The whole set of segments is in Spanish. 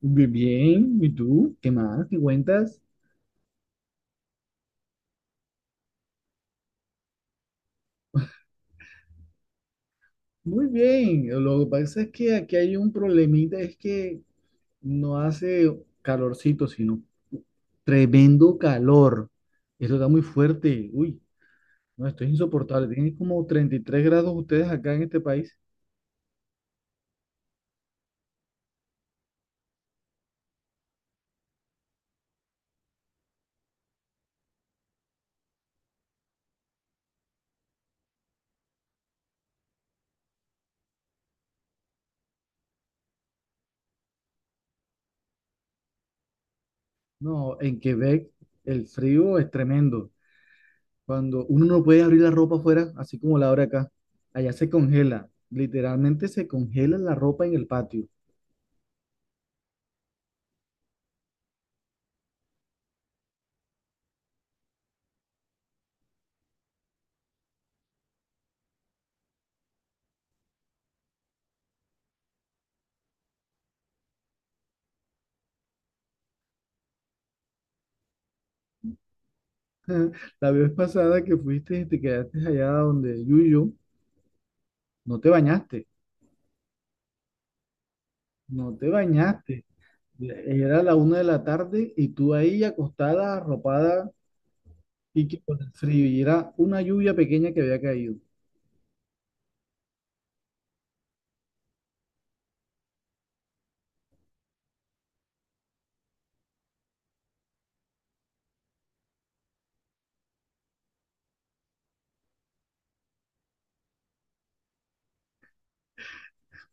Muy bien, ¿y tú? ¿Qué más? ¿Qué cuentas? Muy bien, lo que pasa es que aquí hay un problemita, es que no hace calorcito, sino tremendo calor. Esto está muy fuerte, uy, no, esto es insoportable. Tienen como 33 grados ustedes acá en este país. No, en Quebec el frío es tremendo. Cuando uno no puede abrir la ropa afuera, así como la abre acá, allá se congela, literalmente se congela la ropa en el patio. La vez pasada que fuiste y te quedaste allá donde Yuyo, no te bañaste, no te bañaste. Era la una de la tarde y tú ahí acostada, arropada y que con el frío. Y era una lluvia pequeña que había caído.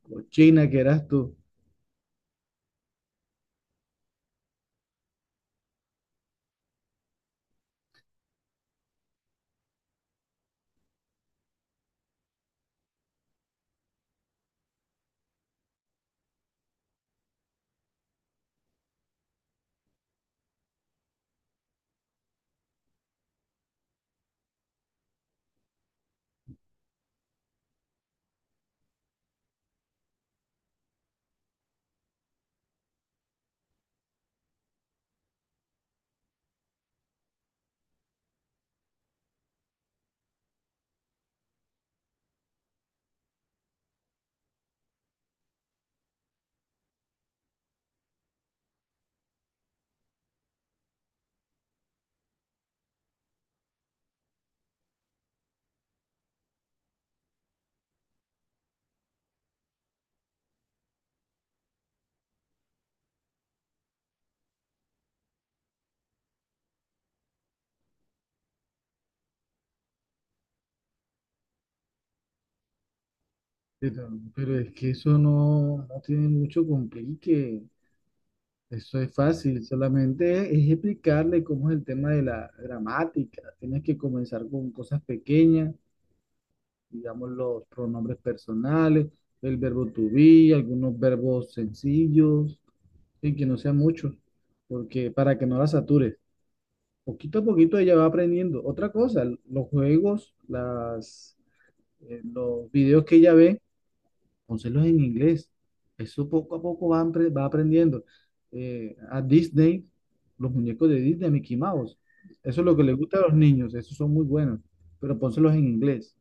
Cochina que eras tú. Pero, pero es que eso no tiene mucho complique. Eso es fácil, solamente es explicarle cómo es el tema de la gramática. Tienes que comenzar con cosas pequeñas digamos, los pronombres personales, el verbo to be, algunos verbos sencillos, en que no sean muchos, porque para que no la satures. Poquito a poquito ella va aprendiendo. Otra cosa, los juegos, los videos que ella ve, pónselos en inglés. Eso poco a poco va aprendiendo. A Disney, los muñecos de Disney, Mickey Mouse. Eso es lo que le gusta a los niños, esos son muy buenos, pero pónselos en inglés.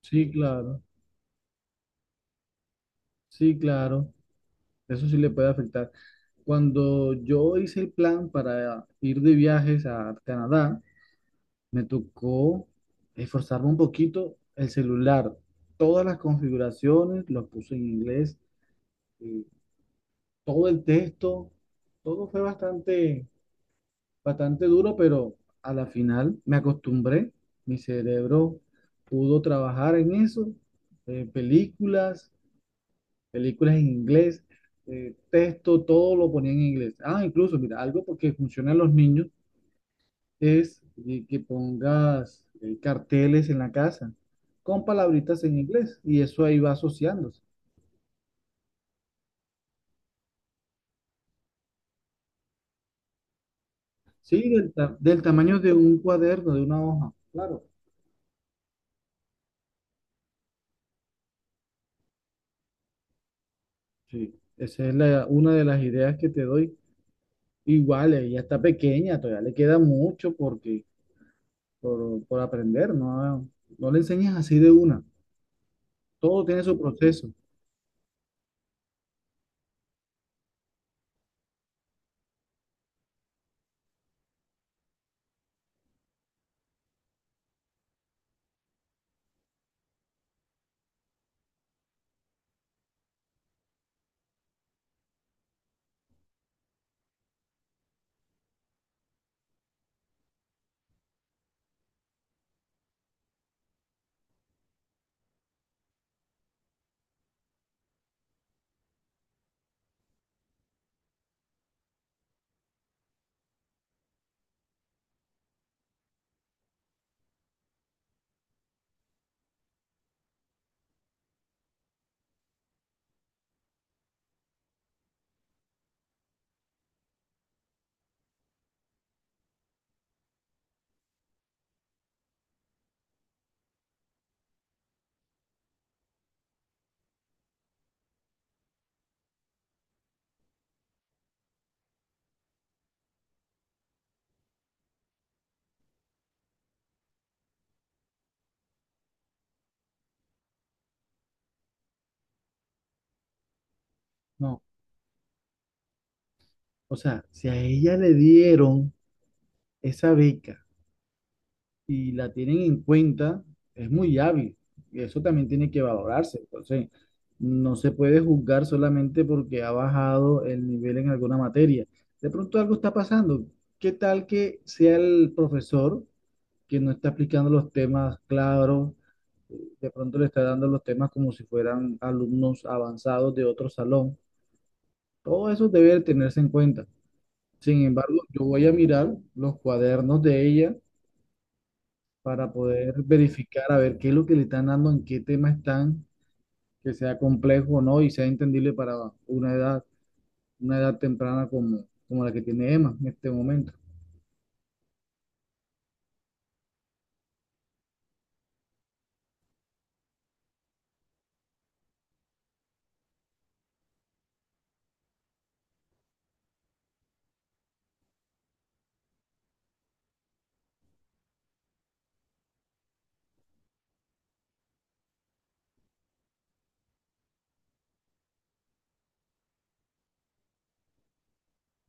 Sí, claro, sí, claro. Eso sí le puede afectar. Cuando yo hice el plan para ir de viajes a Canadá, me tocó esforzarme un poquito el celular. Todas las configuraciones, los puse en inglés, eh, todo el texto, todo fue bastante, bastante duro, pero a la final me acostumbré. Mi cerebro pudo trabajar en eso, eh, películas películas en inglés, texto, todo lo ponía en inglés. Ah, incluso, mira, algo porque funciona en los niños es que pongas carteles en la casa con palabritas en inglés y eso ahí va asociándose. Sí, del tamaño de un cuaderno, de una hoja, claro. Sí, esa es una de las ideas que te doy. Igual, ella está pequeña, todavía le queda mucho por aprender, no le enseñas así de una. Todo tiene su proceso. No. O sea, si a ella le dieron esa beca y la tienen en cuenta, es muy hábil. Y eso también tiene que valorarse. Entonces, no se puede juzgar solamente porque ha bajado el nivel en alguna materia. De pronto algo está pasando. ¿Qué tal que sea el profesor que no está aplicando los temas claros? De pronto le está dando los temas como si fueran alumnos avanzados de otro salón. Todo eso debe tenerse en cuenta. Sin embargo, yo voy a mirar los cuadernos de ella para poder verificar a ver qué es lo que le están dando, en qué tema están, que sea complejo o no y sea entendible para una edad, una edad temprana como la que tiene Emma en este momento.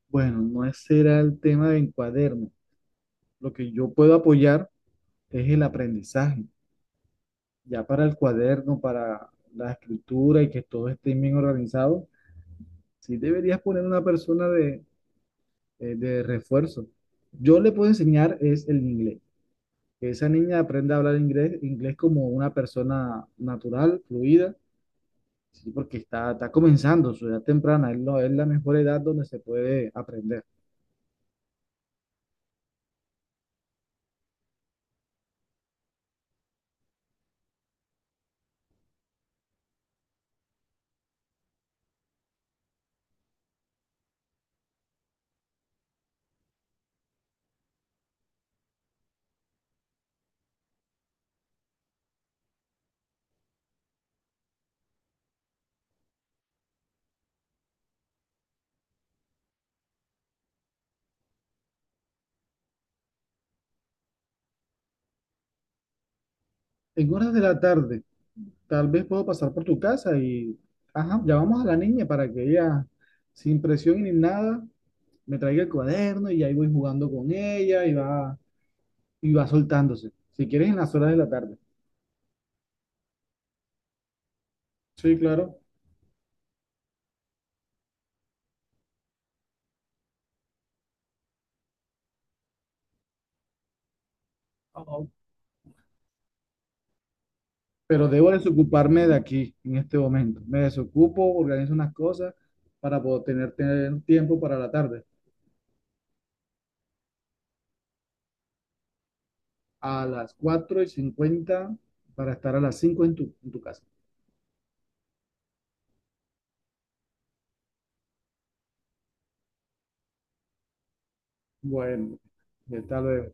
Bueno, no ese era el tema del cuaderno. Lo que yo puedo apoyar es el aprendizaje. Ya para el cuaderno, para la escritura y que todo esté bien organizado, sí deberías poner una persona de refuerzo. Yo le puedo enseñar es el inglés. Que esa niña aprenda a hablar inglés, inglés como una persona natural, fluida, ¿sí? Porque está comenzando su edad temprana, es la mejor edad donde se puede aprender. En horas de la tarde, tal vez puedo pasar por tu casa y, ajá, llamamos a la niña para que ella, sin presión ni nada, me traiga el cuaderno y ahí voy jugando con ella y va soltándose. Si quieres, en las horas de la tarde. Sí, claro. Pero debo desocuparme de aquí en este momento. Me desocupo, organizo unas cosas para poder tener tiempo para la tarde. A las 4:50 para estar a las 5 en tu casa. Bueno, hasta luego.